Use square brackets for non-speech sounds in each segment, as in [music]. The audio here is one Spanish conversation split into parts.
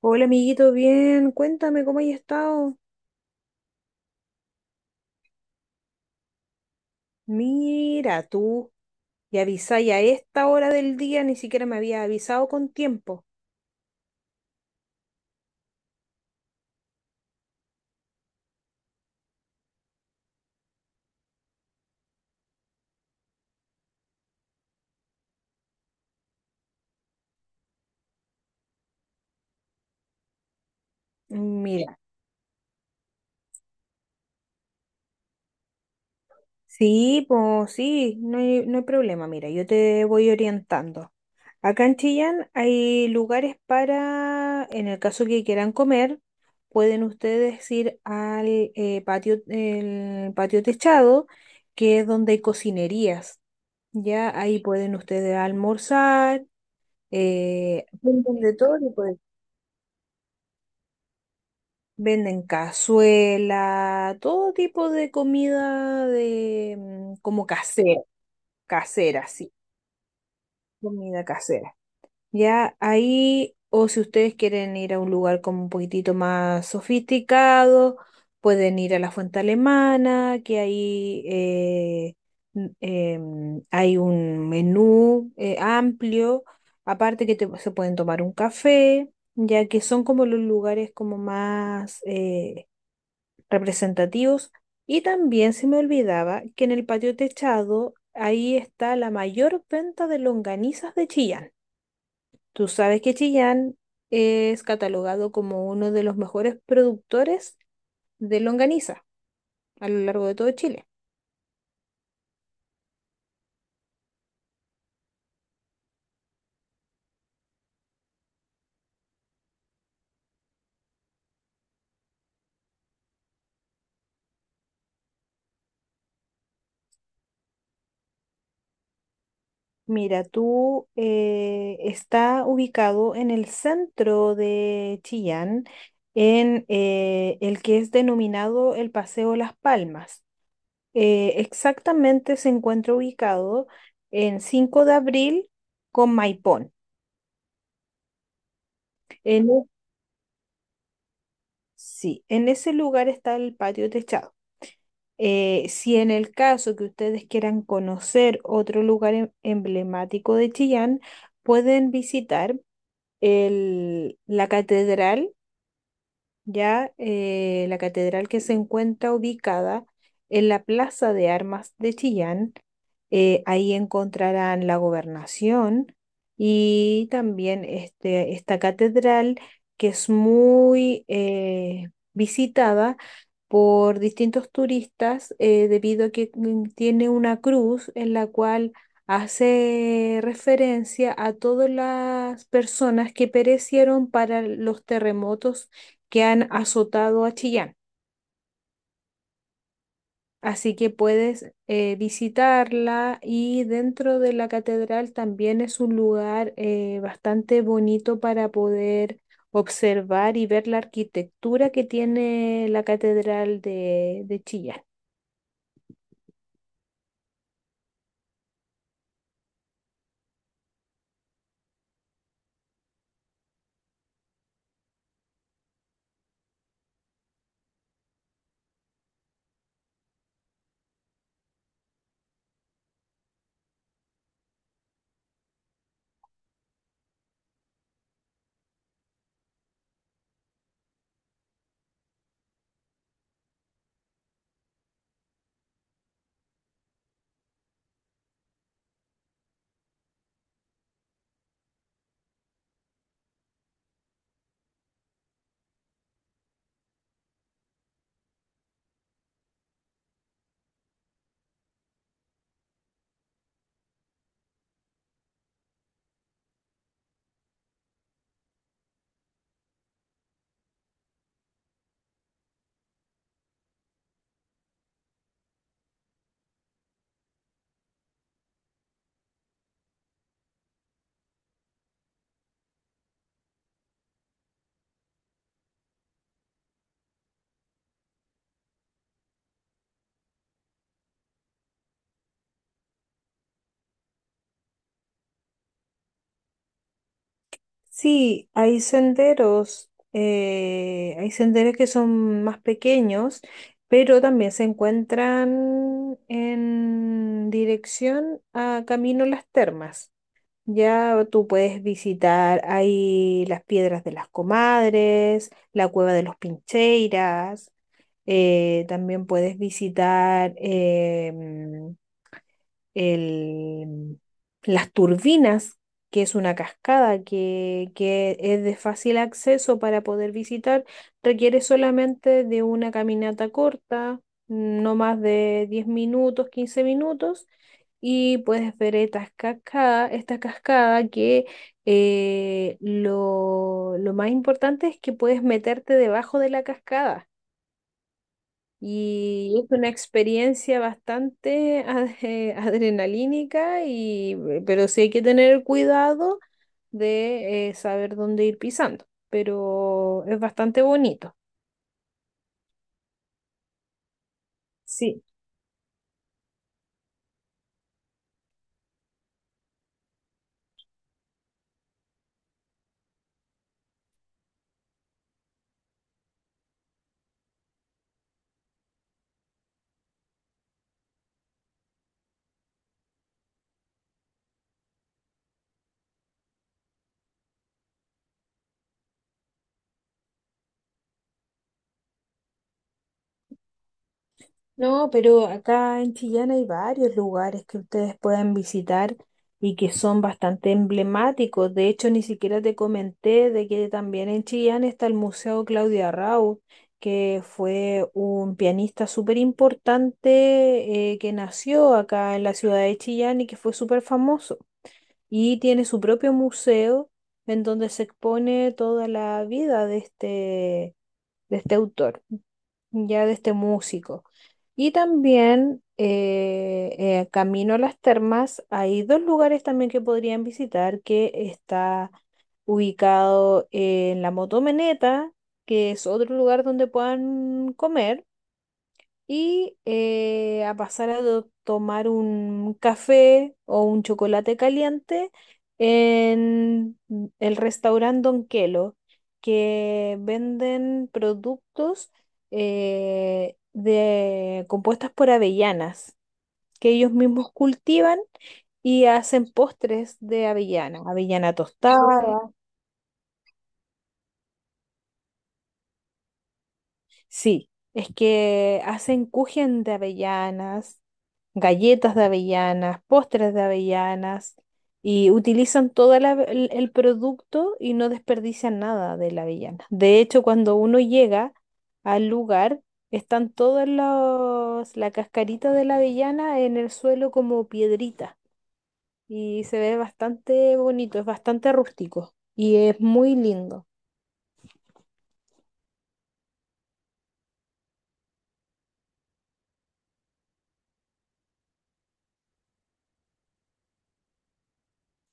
Hola amiguito, bien, cuéntame cómo has estado. Mira, tú y avisáis a esta hora del día, ni siquiera me había avisado con tiempo. Mira, sí, pues sí, no hay problema, mira, yo te voy orientando. Acá en Chillán hay lugares para, en el caso que quieran comer, pueden ustedes ir al patio, el patio techado, que es donde hay cocinerías. Ya ahí pueden ustedes almorzar venden de todo tipo de- venden cazuela, todo tipo de comida de como casera, casera, sí, comida casera. Ya ahí, o si ustedes quieren ir a un lugar como un poquitito más sofisticado, pueden ir a la Fuente Alemana, que ahí hay un menú amplio, aparte que te- se pueden tomar un café, ya que son como los lugares como más representativos. Y también se me olvidaba que en el patio techado, ahí está la mayor venta de longanizas de Chillán. Tú sabes que Chillán es catalogado como uno de los mejores productores de longaniza a lo largo de todo Chile. Mira, tú está ubicado en el centro de Chillán, en el que es denominado el Paseo Las Palmas. Exactamente se encuentra ubicado en Cinco de Abril con Maipón. En, e, sí, en ese lugar está el patio techado. Si en el caso que ustedes quieran conocer otro lugar emblemático de Chillán, pueden visitar la catedral, ya la catedral que se encuentra ubicada en la Plaza de Armas de Chillán, ahí encontrarán la gobernación y también esta catedral que es muy visitada por distintos turistas debido a que tiene una cruz en la cual hace referencia a todas las personas que perecieron para los terremotos que han azotado a Chillán. Así que puedes visitarla, y dentro de la catedral también es un lugar bastante bonito para poder observar y ver la arquitectura que tiene la catedral de Chillán. Sí, hay senderos que son más pequeños, pero también se encuentran en dirección a Camino Las Termas. Ya tú puedes visitar ahí las piedras de las comadres, la cueva de los Pincheiras, también puedes visitar el- las turbinas, que es una cascada que es de fácil acceso para poder visitar, requiere solamente de una caminata corta, no más de 10 minutos, 15 minutos, y puedes ver esta cascada que lo más importante es que puedes meterte debajo de la cascada. Y es una experiencia bastante [laughs] adrenalínica, y, pero sí hay que tener cuidado de saber dónde ir pisando, pero es bastante bonito. Sí. No, pero acá en Chillán hay varios lugares que ustedes pueden visitar y que son bastante emblemáticos. De hecho, ni siquiera te comenté de que también en Chillán está el Museo Claudia Raúl, que fue un pianista súper importante que nació acá en la ciudad de Chillán y que fue súper famoso. Y tiene su propio museo en donde se expone toda la vida de este autor ya de este músico. Y también camino a las termas, hay 2 lugares también que podrían visitar, que está ubicado en la Motomeneta, que es otro lugar donde puedan comer y a pasar a tomar un café o un chocolate caliente en el restaurante Don Quelo, que venden productos compuestas por avellanas, que ellos mismos cultivan y hacen postres de avellana, avellana tostada, sí. Es que hacen kuchen de avellanas, galletas de avellanas, postres de avellanas y utilizan todo el producto y no desperdician nada de la avellana. De hecho, cuando uno llega al lugar, están todos la cascarita de la avellana en el suelo como piedrita y se ve bastante bonito, es bastante rústico y es muy lindo.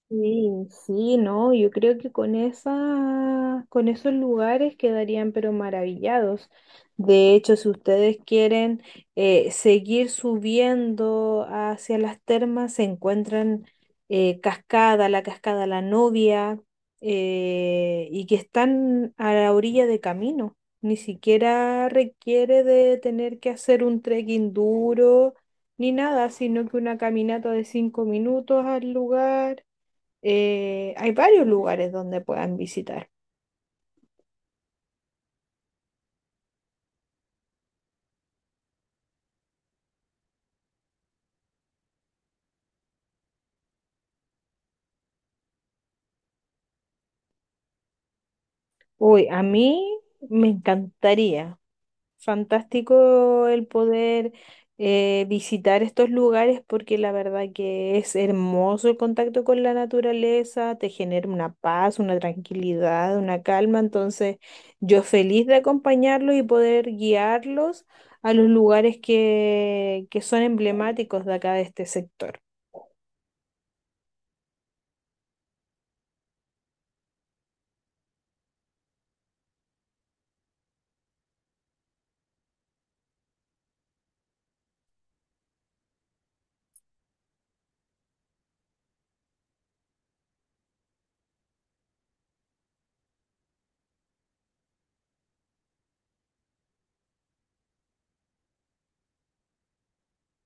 Sí, sí, no, yo creo que con esos lugares quedarían pero maravillados. De hecho, si ustedes quieren seguir subiendo hacia las termas, se encuentran la Cascada La Novia, y que están a la orilla de camino. Ni siquiera requiere de tener que hacer un trekking duro ni nada, sino que una caminata de 5 minutos al lugar, hay varios lugares donde puedan visitar. Uy, a mí me encantaría. Fantástico el poder visitar estos lugares porque la verdad que es hermoso el contacto con la naturaleza, te genera una paz, una tranquilidad, una calma. Entonces, yo feliz de acompañarlos y poder guiarlos a los lugares que son emblemáticos de acá de este sector.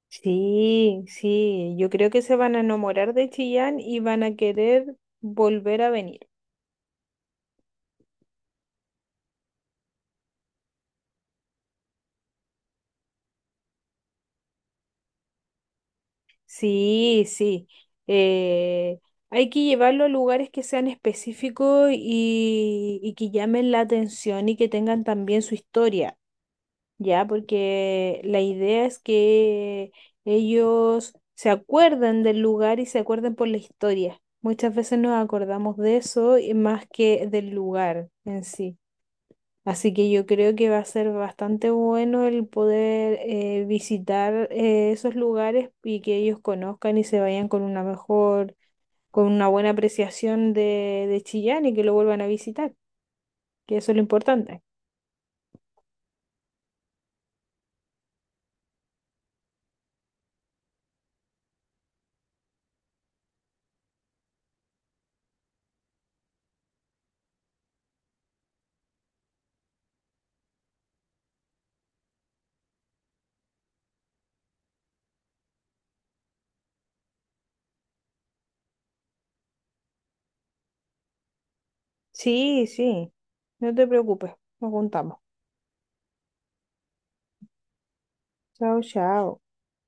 Sí, sí, yo creo que se van a enamorar de Chillán y van a querer volver a venir. Sí, sí. eh, Hay que llevarlo a lugares que sean específicos y que llamen la atención y que tengan también su historia, ¿ya? Porque la idea es que ellos se acuerden del lugar y se acuerden por la historia. Muchas veces nos acordamos de eso y más que del lugar en sí. Así que yo creo que va a ser bastante bueno el poder visitar esos lugares y que ellos conozcan y se vayan con una con una buena apreciación de Chillán y que lo vuelvan a visitar, que eso es lo importante. Sí, sí, no te preocupes, nos juntamos. Chao, chao.